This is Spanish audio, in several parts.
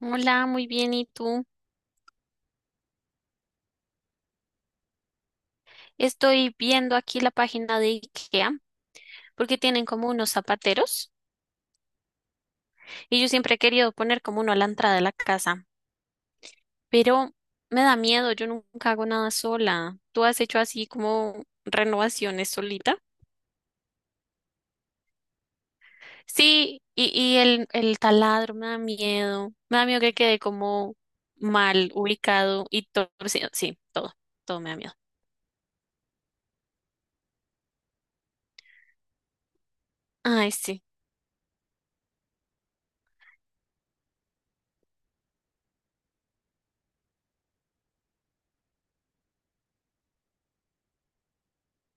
Hola, muy bien. ¿Y tú? Estoy viendo aquí la página de IKEA porque tienen como unos zapateros y yo siempre he querido poner como uno a la entrada de la casa, pero me da miedo, yo nunca hago nada sola. ¿Tú has hecho así como renovaciones solita? Sí, y el taladro me da miedo que quede como mal ubicado y torcido. Sí, sí, todo, todo me da miedo. Ay, sí.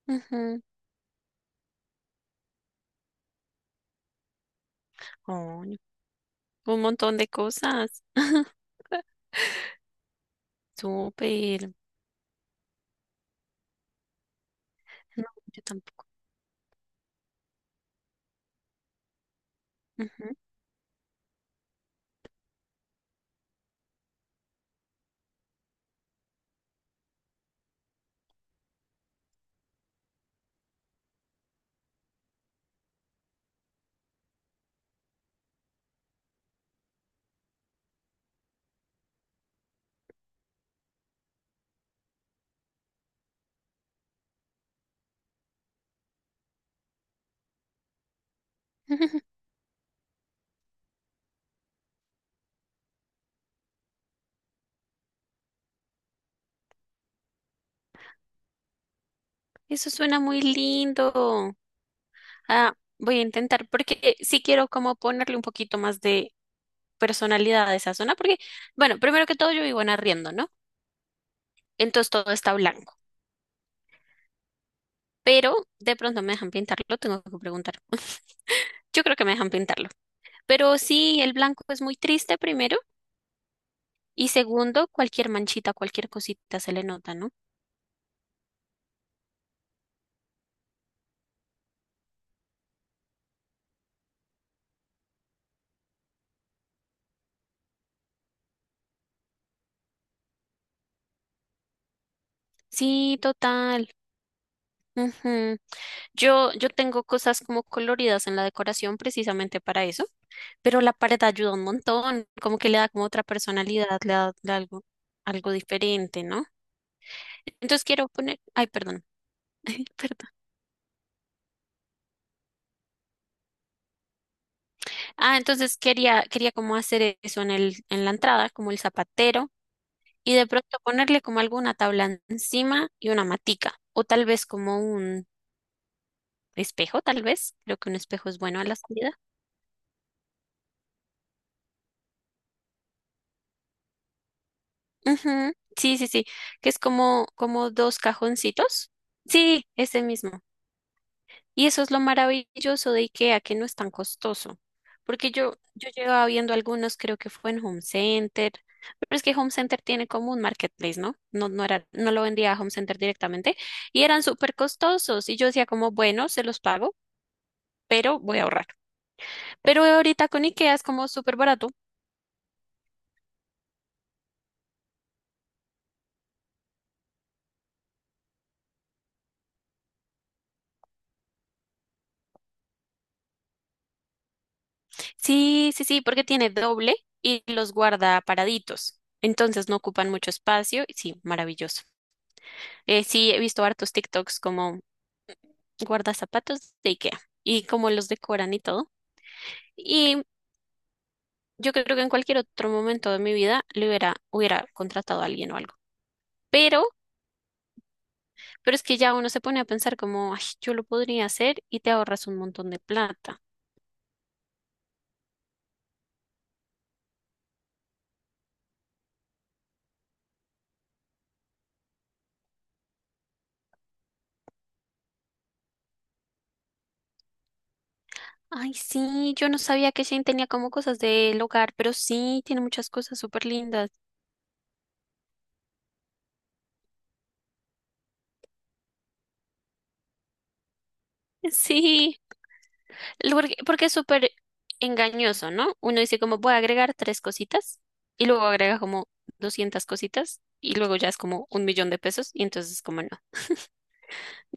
Ujú. Coño, un montón de cosas. Súper. No, yo tampoco. Ujú. Eso suena muy lindo. Ah, voy a intentar porque sí quiero como ponerle un poquito más de personalidad a esa zona porque, bueno, primero que todo yo vivo en arriendo, ¿no? Entonces todo está blanco, pero de pronto me dejan pintarlo, tengo que preguntar. Yo creo que me dejan pintarlo. Pero sí, el blanco es muy triste primero y segundo, cualquier manchita, cualquier cosita se le nota, ¿no? Sí, total. Ujú. Yo tengo cosas como coloridas en la decoración precisamente para eso, pero la pared ayuda un montón, como que le da como otra personalidad, le da algo diferente, ¿no? Entonces quiero poner, ay, perdón, perdón. Ah, entonces quería como hacer eso en en la entrada, como el zapatero, y de pronto ponerle como alguna tabla encima y una matica, o tal vez como un espejo, tal vez, creo que un espejo es bueno a la salida. Ujú. Sí, sí, sí, que es como dos cajoncitos. Sí, ese mismo. Y eso es lo maravilloso de IKEA, que no es tan costoso. Porque yo llevaba viendo algunos, creo que fue en Home Center, pero es que Home Center tiene como un marketplace, ¿no? No, no era, no lo vendía a Home Center directamente y eran súper costosos. Y yo decía como, bueno, se los pago, pero voy a ahorrar. Pero ahorita con IKEA es como súper barato. Sí, sí, sí, porque tiene doble y los guarda paraditos. Entonces no ocupan mucho espacio. Y sí, maravilloso. Sí, he visto hartos TikToks como guarda zapatos de IKEA y cómo los decoran y todo. Y yo creo que en cualquier otro momento de mi vida le hubiera contratado a alguien o algo. Pero, pero es que ya uno se pone a pensar como, ay, yo lo podría hacer y te ahorras un montón de plata. Ay, sí, yo no sabía que Shane tenía como cosas del hogar, pero sí, tiene muchas cosas súper lindas. Sí. Porque es súper engañoso, ¿no? Uno dice como voy a agregar tres cositas y luego agrega como 200 cositas y luego ya es como 1 millón de pesos y entonces es como no,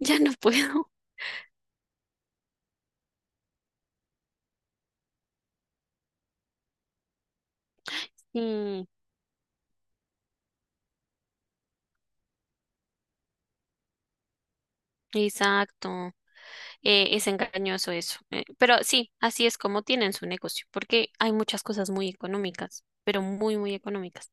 ya no puedo. Sí, exacto. Es engañoso eso. Pero sí, así es como tienen su negocio, porque hay muchas cosas muy económicas, pero muy, muy económicas.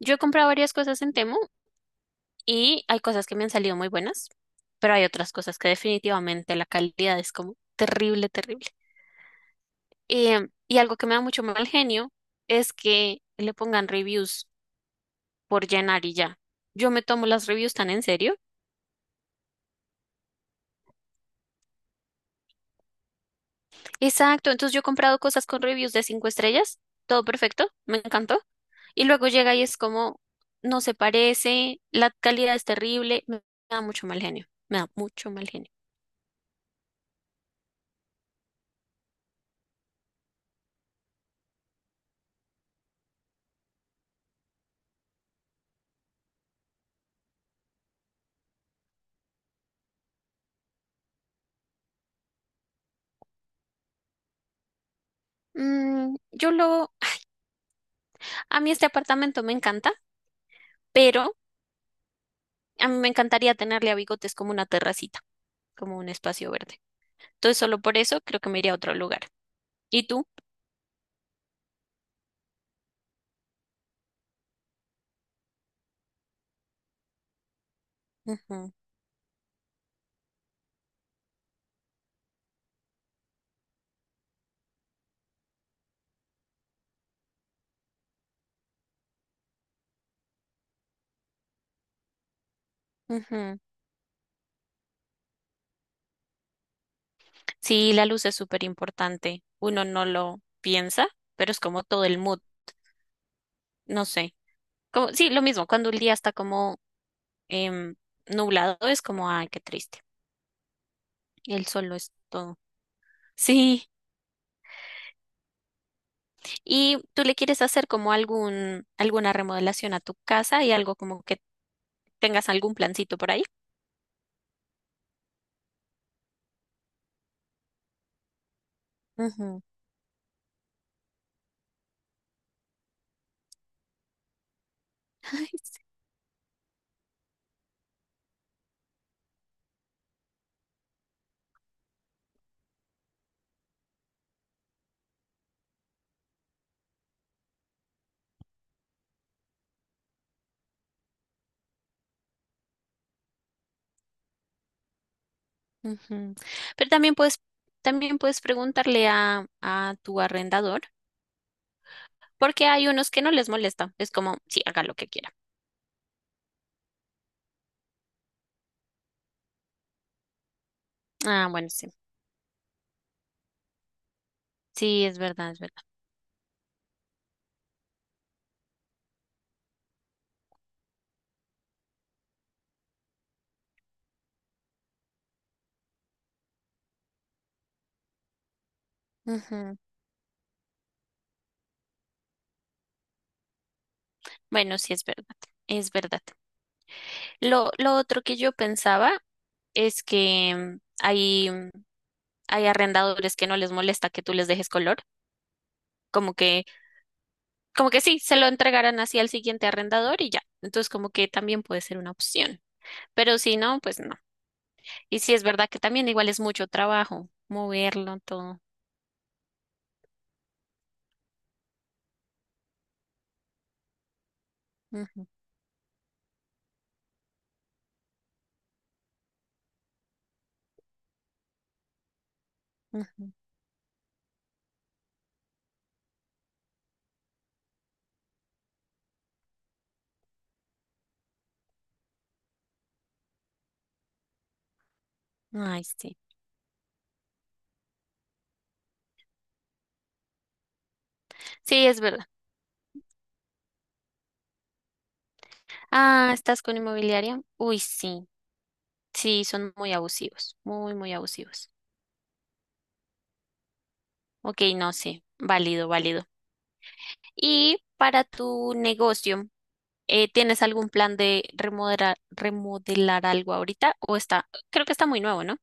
Yo he comprado varias cosas en Temu y hay cosas que me han salido muy buenas, pero hay otras cosas que definitivamente la calidad es como terrible, terrible. Y algo que me da mucho mal genio es que le pongan reviews por llenar y ya. Yo me tomo las reviews tan en serio. Exacto, entonces yo he comprado cosas con reviews de 5 estrellas, todo perfecto, me encantó. Y luego llega y es como, no se parece, la calidad es terrible, me da mucho mal genio, me da mucho mal genio. Mm, yo lo, a mí este apartamento me encanta, pero a mí me encantaría tenerle a Bigotes como una terracita, como un espacio verde. Entonces solo por eso creo que me iría a otro lugar. ¿Y tú? Ujú, ujú. Sí, la luz es súper importante. Uno no lo piensa, pero es como todo el mood, no sé. Como, sí, lo mismo, cuando el día está como em, nublado, es como, ay, qué triste. El sol lo es todo. Sí, ¿y tú le quieres hacer como alguna remodelación a tu casa y algo como que tengas algún plancito por ahí? Ujú. Ay, sí, ujú. Pero también puedes preguntarle a tu arrendador. Porque hay unos que no les molesta. Es como, sí, haga lo que quiera. Ah, bueno, sí. Sí, es verdad, es verdad. Ujú. Bueno, sí, es verdad. Es verdad. Lo otro que yo pensaba es que hay arrendadores que no les molesta que tú les dejes color. Como que, como que sí, se lo entregarán así al siguiente arrendador y ya. Entonces, como que también puede ser una opción. Pero si no, pues no. Y sí, es verdad que también igual es mucho trabajo moverlo todo. Ujú, ujú. Ay, sí. Sí, es verdad. Ah, ¿estás con inmobiliaria? Uy, sí, sí, son muy abusivos, muy, muy abusivos. Ok, no sé, válido, válido. Y para tu negocio, ¿tienes algún plan de remodelar algo ahorita? O está, creo que está muy nuevo, ¿no?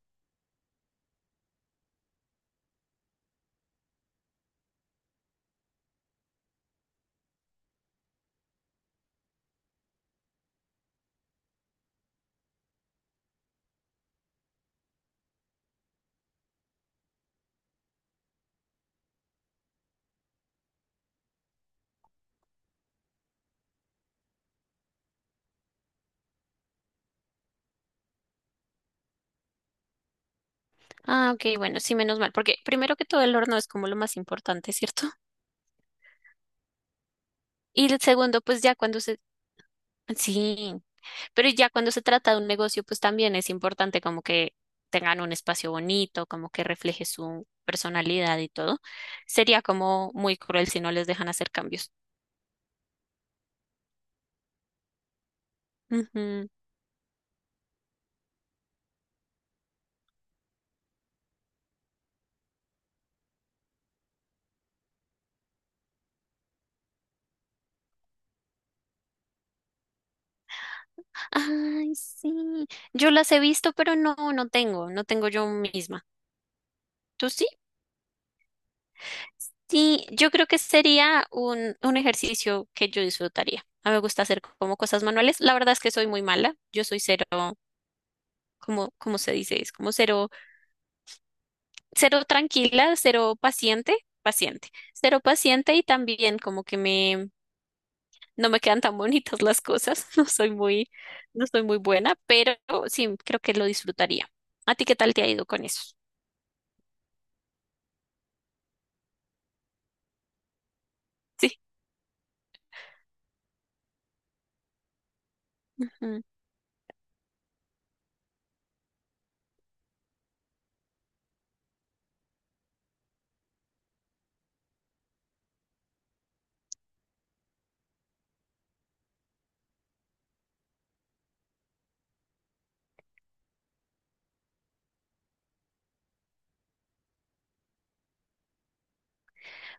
Ah, ok, bueno, sí, menos mal, porque primero que todo el horno es como lo más importante, ¿cierto? Y el segundo, pues ya cuando se. Sí, pero ya cuando se trata de un negocio, pues también es importante como que tengan un espacio bonito, como que refleje su personalidad y todo. Sería como muy cruel si no les dejan hacer cambios. Ujú. Ay, sí. Yo las he visto, pero no, no tengo yo misma. ¿Tú sí? Sí, yo creo que sería un ejercicio que yo disfrutaría. A mí me gusta hacer como cosas manuales. La verdad es que soy muy mala. Yo soy cero, como, ¿cómo se dice? Es como cero. Cero tranquila, cero paciente y también como que no me quedan tan bonitas las cosas, no soy muy buena, pero sí, creo que lo disfrutaría. ¿A ti qué tal te ha ido con eso? Sí. Ujú.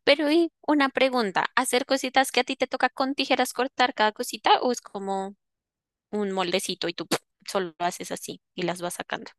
Pero y una pregunta, ¿hacer cositas que a ti te toca con tijeras cortar cada cosita o es como un moldecito y tú ¡puf! Solo haces así y las vas sacando?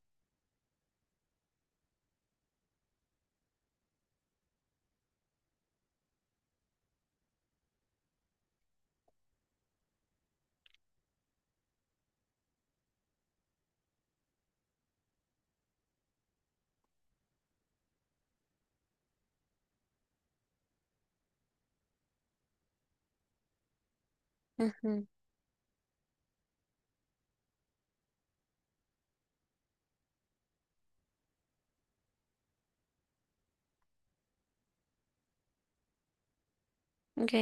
Ujú, ok,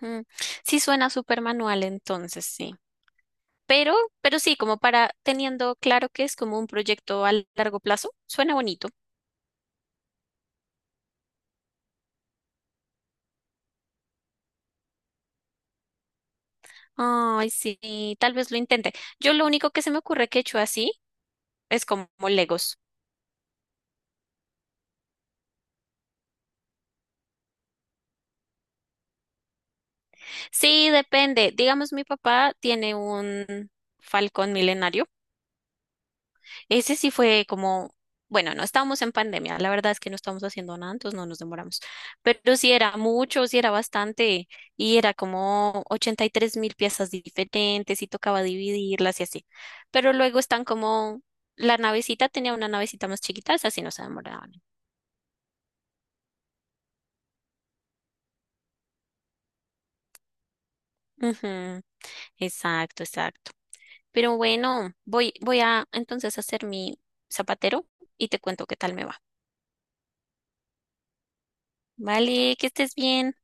ujú. Sí, suena súper manual entonces, sí. Pero, pero sí, como para teniendo claro que es como un proyecto a largo plazo, suena bonito. Ay, sí, tal vez lo intente. Yo lo único que se me ocurre que he hecho así es como Legos. Sí, depende. Digamos, mi papá tiene un Falcón milenario. Ese sí fue como, bueno, no estábamos en pandemia. La verdad es que no estábamos haciendo nada, entonces no nos demoramos. Pero sí era mucho, sí era bastante. Y era como 83.000 piezas diferentes y tocaba dividirlas y así. Pero luego están como, la navecita tenía una navecita más chiquita, esa sí no se demoraban. Ujú. Exacto, exacto. Pero bueno, voy a entonces hacer mi zapatero y te cuento qué tal me va. Vale, que estés bien.